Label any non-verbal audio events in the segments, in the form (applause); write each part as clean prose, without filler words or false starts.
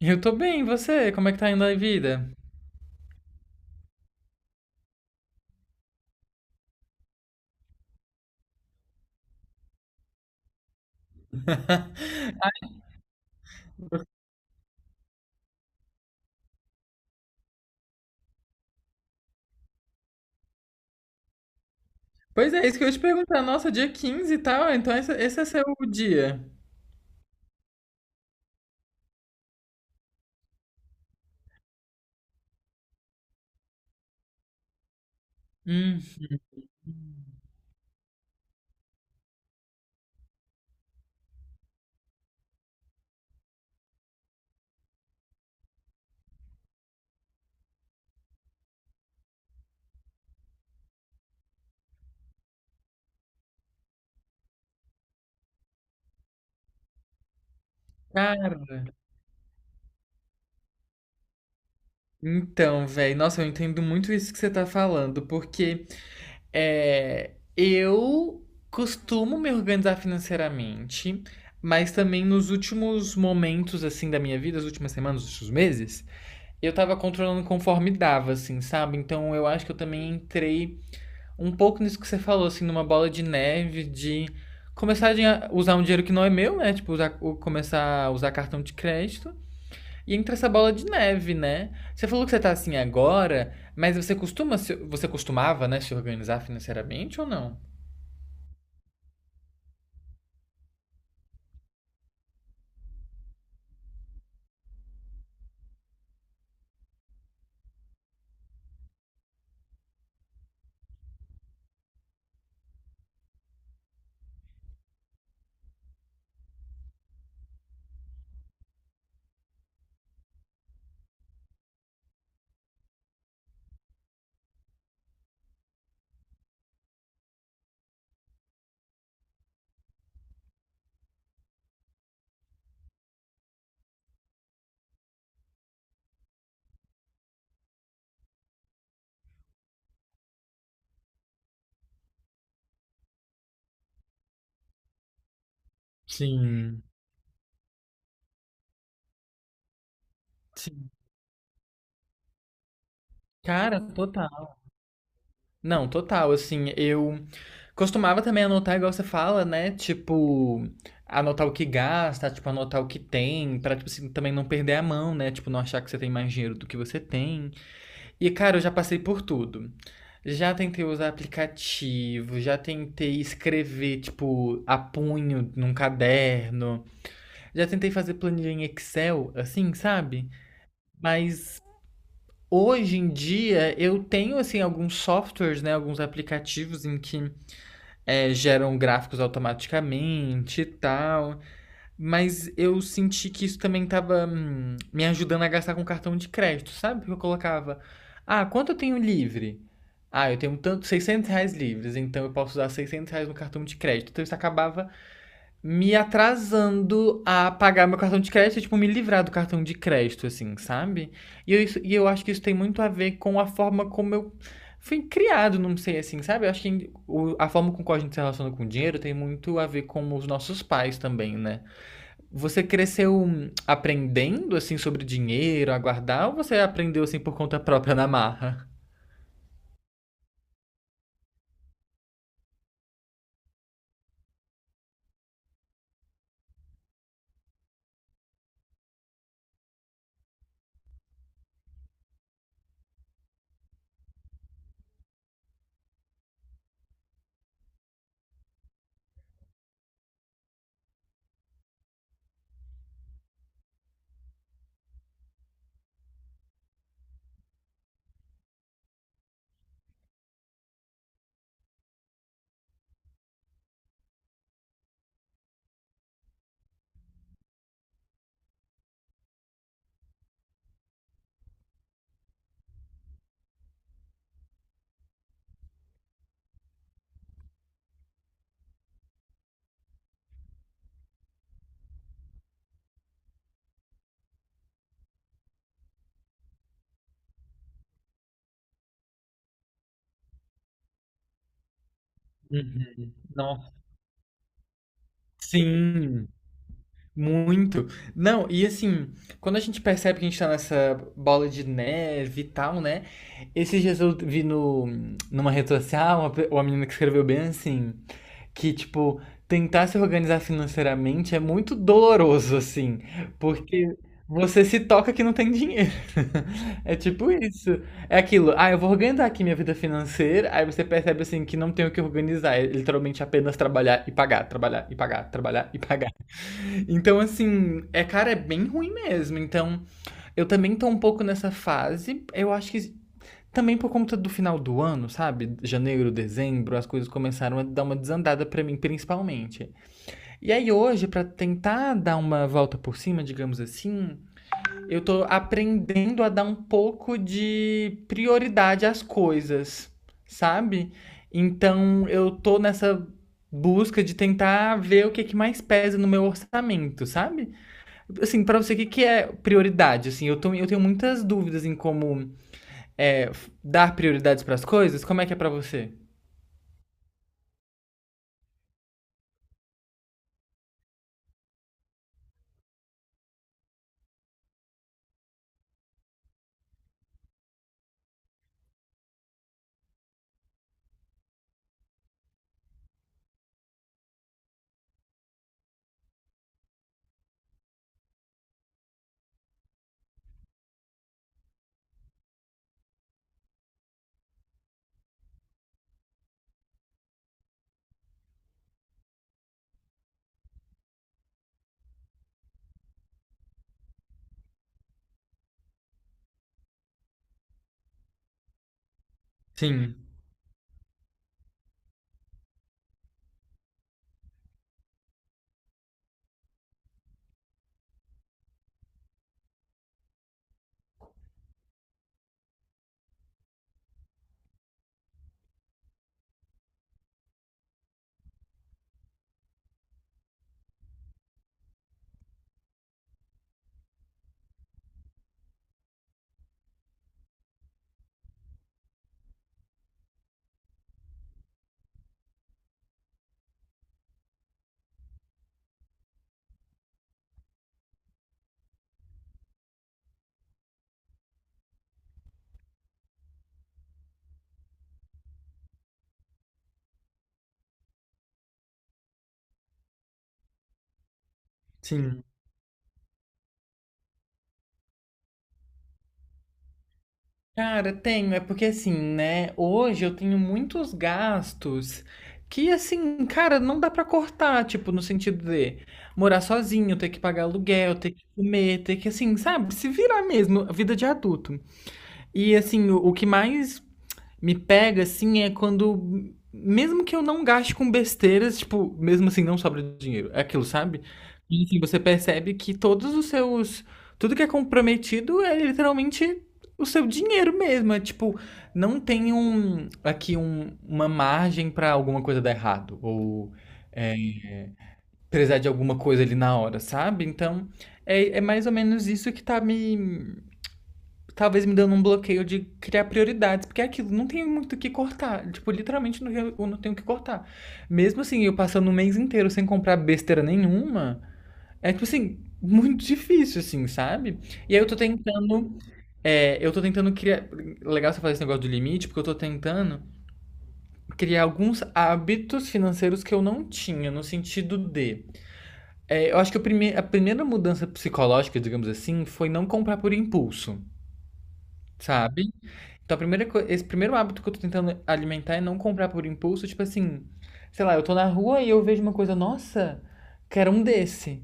Eu tô bem, e você? Como é que tá indo a vida? (laughs) Ah, pois é, isso que eu ia te perguntar. Nossa, dia 15 e tal, então esse é seu dia. Hum, cara. Então, velho, nossa, eu entendo muito isso que você tá falando, porque eu costumo me organizar financeiramente, mas também nos últimos momentos, assim, da minha vida, as últimas semanas, os últimos meses, eu tava controlando conforme dava, assim, sabe? Então eu acho que eu também entrei um pouco nisso que você falou, assim, numa bola de neve, de começar a usar um dinheiro que não é meu, né? Tipo, usar, começar a usar cartão de crédito. E entra essa bola de neve, né? Você falou que você tá assim agora, mas você costuma, você costumava, né, se organizar financeiramente ou não? Sim, sim. Cara, total. Não, total, assim, eu costumava também anotar, igual você fala, né? Tipo, anotar o que gasta, tipo, anotar o que tem, pra, tipo assim, também não perder a mão, né? Tipo, não achar que você tem mais dinheiro do que você tem. E, cara, eu já passei por tudo. Já tentei usar aplicativo, já tentei escrever, tipo, a punho num caderno, já tentei fazer planilha em Excel, assim, sabe? Mas hoje em dia eu tenho, assim, alguns softwares, né? Alguns aplicativos em que geram gráficos automaticamente e tal. Mas eu senti que isso também tava me ajudando a gastar com cartão de crédito, sabe? Porque eu colocava, ah, quanto eu tenho livre? Ah, eu tenho tanto, 600 reais livres, então eu posso usar 600 reais no cartão de crédito. Então isso acabava me atrasando a pagar meu cartão de crédito, tipo, me livrar do cartão de crédito, assim, sabe? E eu, e eu acho que isso tem muito a ver com a forma como eu fui criado, não sei, assim, sabe? Eu acho que a forma com qual a gente se relaciona com o dinheiro tem muito a ver com os nossos pais também, né? Você cresceu aprendendo, assim, sobre dinheiro, a guardar, ou você aprendeu, assim, por conta própria, na marra? Uhum. Nossa. Sim. Muito. Não, e assim, quando a gente percebe que a gente tá nessa bola de neve e tal, né? Esses dias eu vi no, numa rede social uma, uma menina que escreveu bem assim, que tipo, tentar se organizar financeiramente é muito doloroso, assim, porque você se toca que não tem dinheiro. (laughs) É tipo isso. É aquilo, ah, eu vou organizar aqui minha vida financeira, aí você percebe assim que não tem o que organizar, é literalmente apenas trabalhar e pagar, trabalhar e pagar, trabalhar e pagar. Então, assim, é, cara, é bem ruim mesmo. Então, eu também tô um pouco nessa fase. Eu acho que também por conta do final do ano, sabe? Janeiro, dezembro, as coisas começaram a dar uma desandada pra mim, principalmente. E aí hoje, pra tentar dar uma volta por cima, digamos assim, eu tô aprendendo a dar um pouco de prioridade às coisas, sabe? Então, eu tô nessa busca de tentar ver o que é que mais pesa no meu orçamento, sabe? Assim, pra você, que é prioridade? Assim, eu tenho muitas dúvidas em como é, dar prioridades pras coisas. Como é que é pra você? Sim, sim. Cara, tenho. É porque, assim, né? Hoje eu tenho muitos gastos que, assim, cara, não dá pra cortar. Tipo, no sentido de morar sozinho, ter que pagar aluguel, ter que comer, ter que, assim, sabe? Se virar mesmo. Vida de adulto. E assim, o que mais me pega, assim, é quando. Mesmo que eu não gaste com besteiras, tipo, mesmo assim, não sobra dinheiro. É aquilo, sabe? E assim, você percebe que todos os seus. Tudo que é comprometido é literalmente o seu dinheiro mesmo. É tipo, não tem um. Aqui um, uma margem pra alguma coisa dar errado. Ou é, precisar de alguma coisa ali na hora, sabe? Então, é, é mais ou menos isso que tá me, talvez me dando um bloqueio de criar prioridades, porque é aquilo, não tem muito o que cortar. Tipo, literalmente não, eu não tenho o que cortar. Mesmo assim, eu passando o mês inteiro sem comprar besteira nenhuma, é tipo assim, muito difícil, assim, sabe? E aí eu tô tentando. Eu tô tentando criar. Legal você fazer esse negócio do limite, porque eu tô tentando criar alguns hábitos financeiros que eu não tinha, no sentido de. Eu acho que a primeira mudança psicológica, digamos assim, foi não comprar por impulso, sabe? Então, a primeira coi esse primeiro hábito que eu tô tentando alimentar é não comprar por impulso, tipo assim, sei lá, eu tô na rua e eu vejo uma coisa, nossa, quero um desse.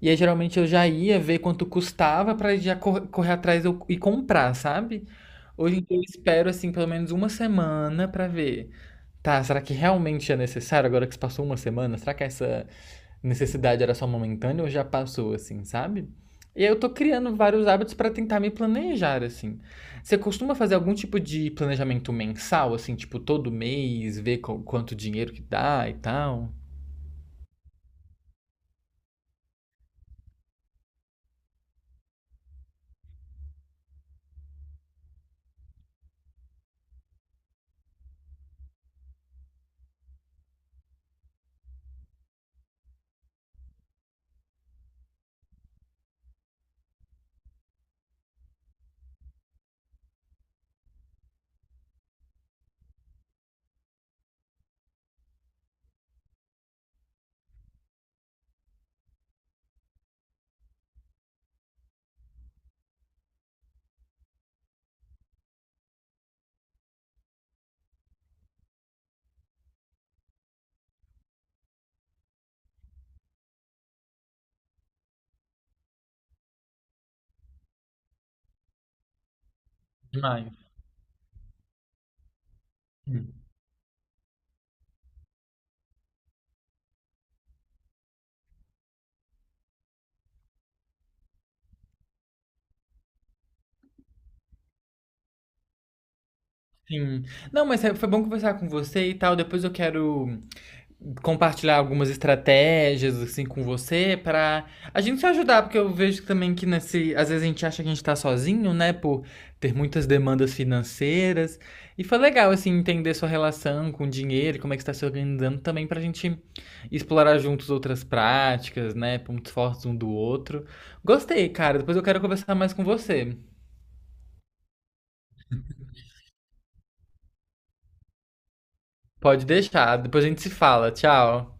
E aí geralmente eu já ia ver quanto custava pra já correr atrás e comprar, sabe? Hoje em dia eu espero assim pelo menos uma semana pra ver. Tá, será que realmente é necessário agora que se passou uma semana? Será que essa necessidade era só momentânea ou já passou, assim, sabe? E aí eu tô criando vários hábitos pra tentar me planejar, assim. Você costuma fazer algum tipo de planejamento mensal, assim, tipo todo mês, ver quanto dinheiro que dá e tal? Demais. Hum. Sim. Não, mas foi bom conversar com você e tal. Depois eu quero compartilhar algumas estratégias assim com você para a gente se ajudar, porque eu vejo também que nesse, às vezes a gente acha que a gente tá sozinho, né, por ter muitas demandas financeiras. E foi legal assim entender sua relação com o dinheiro, como é que está se organizando também pra gente explorar juntos outras práticas, né, pontos fortes um do outro. Gostei, cara. Depois eu quero conversar mais com você. Pode deixar, depois a gente se fala. Tchau.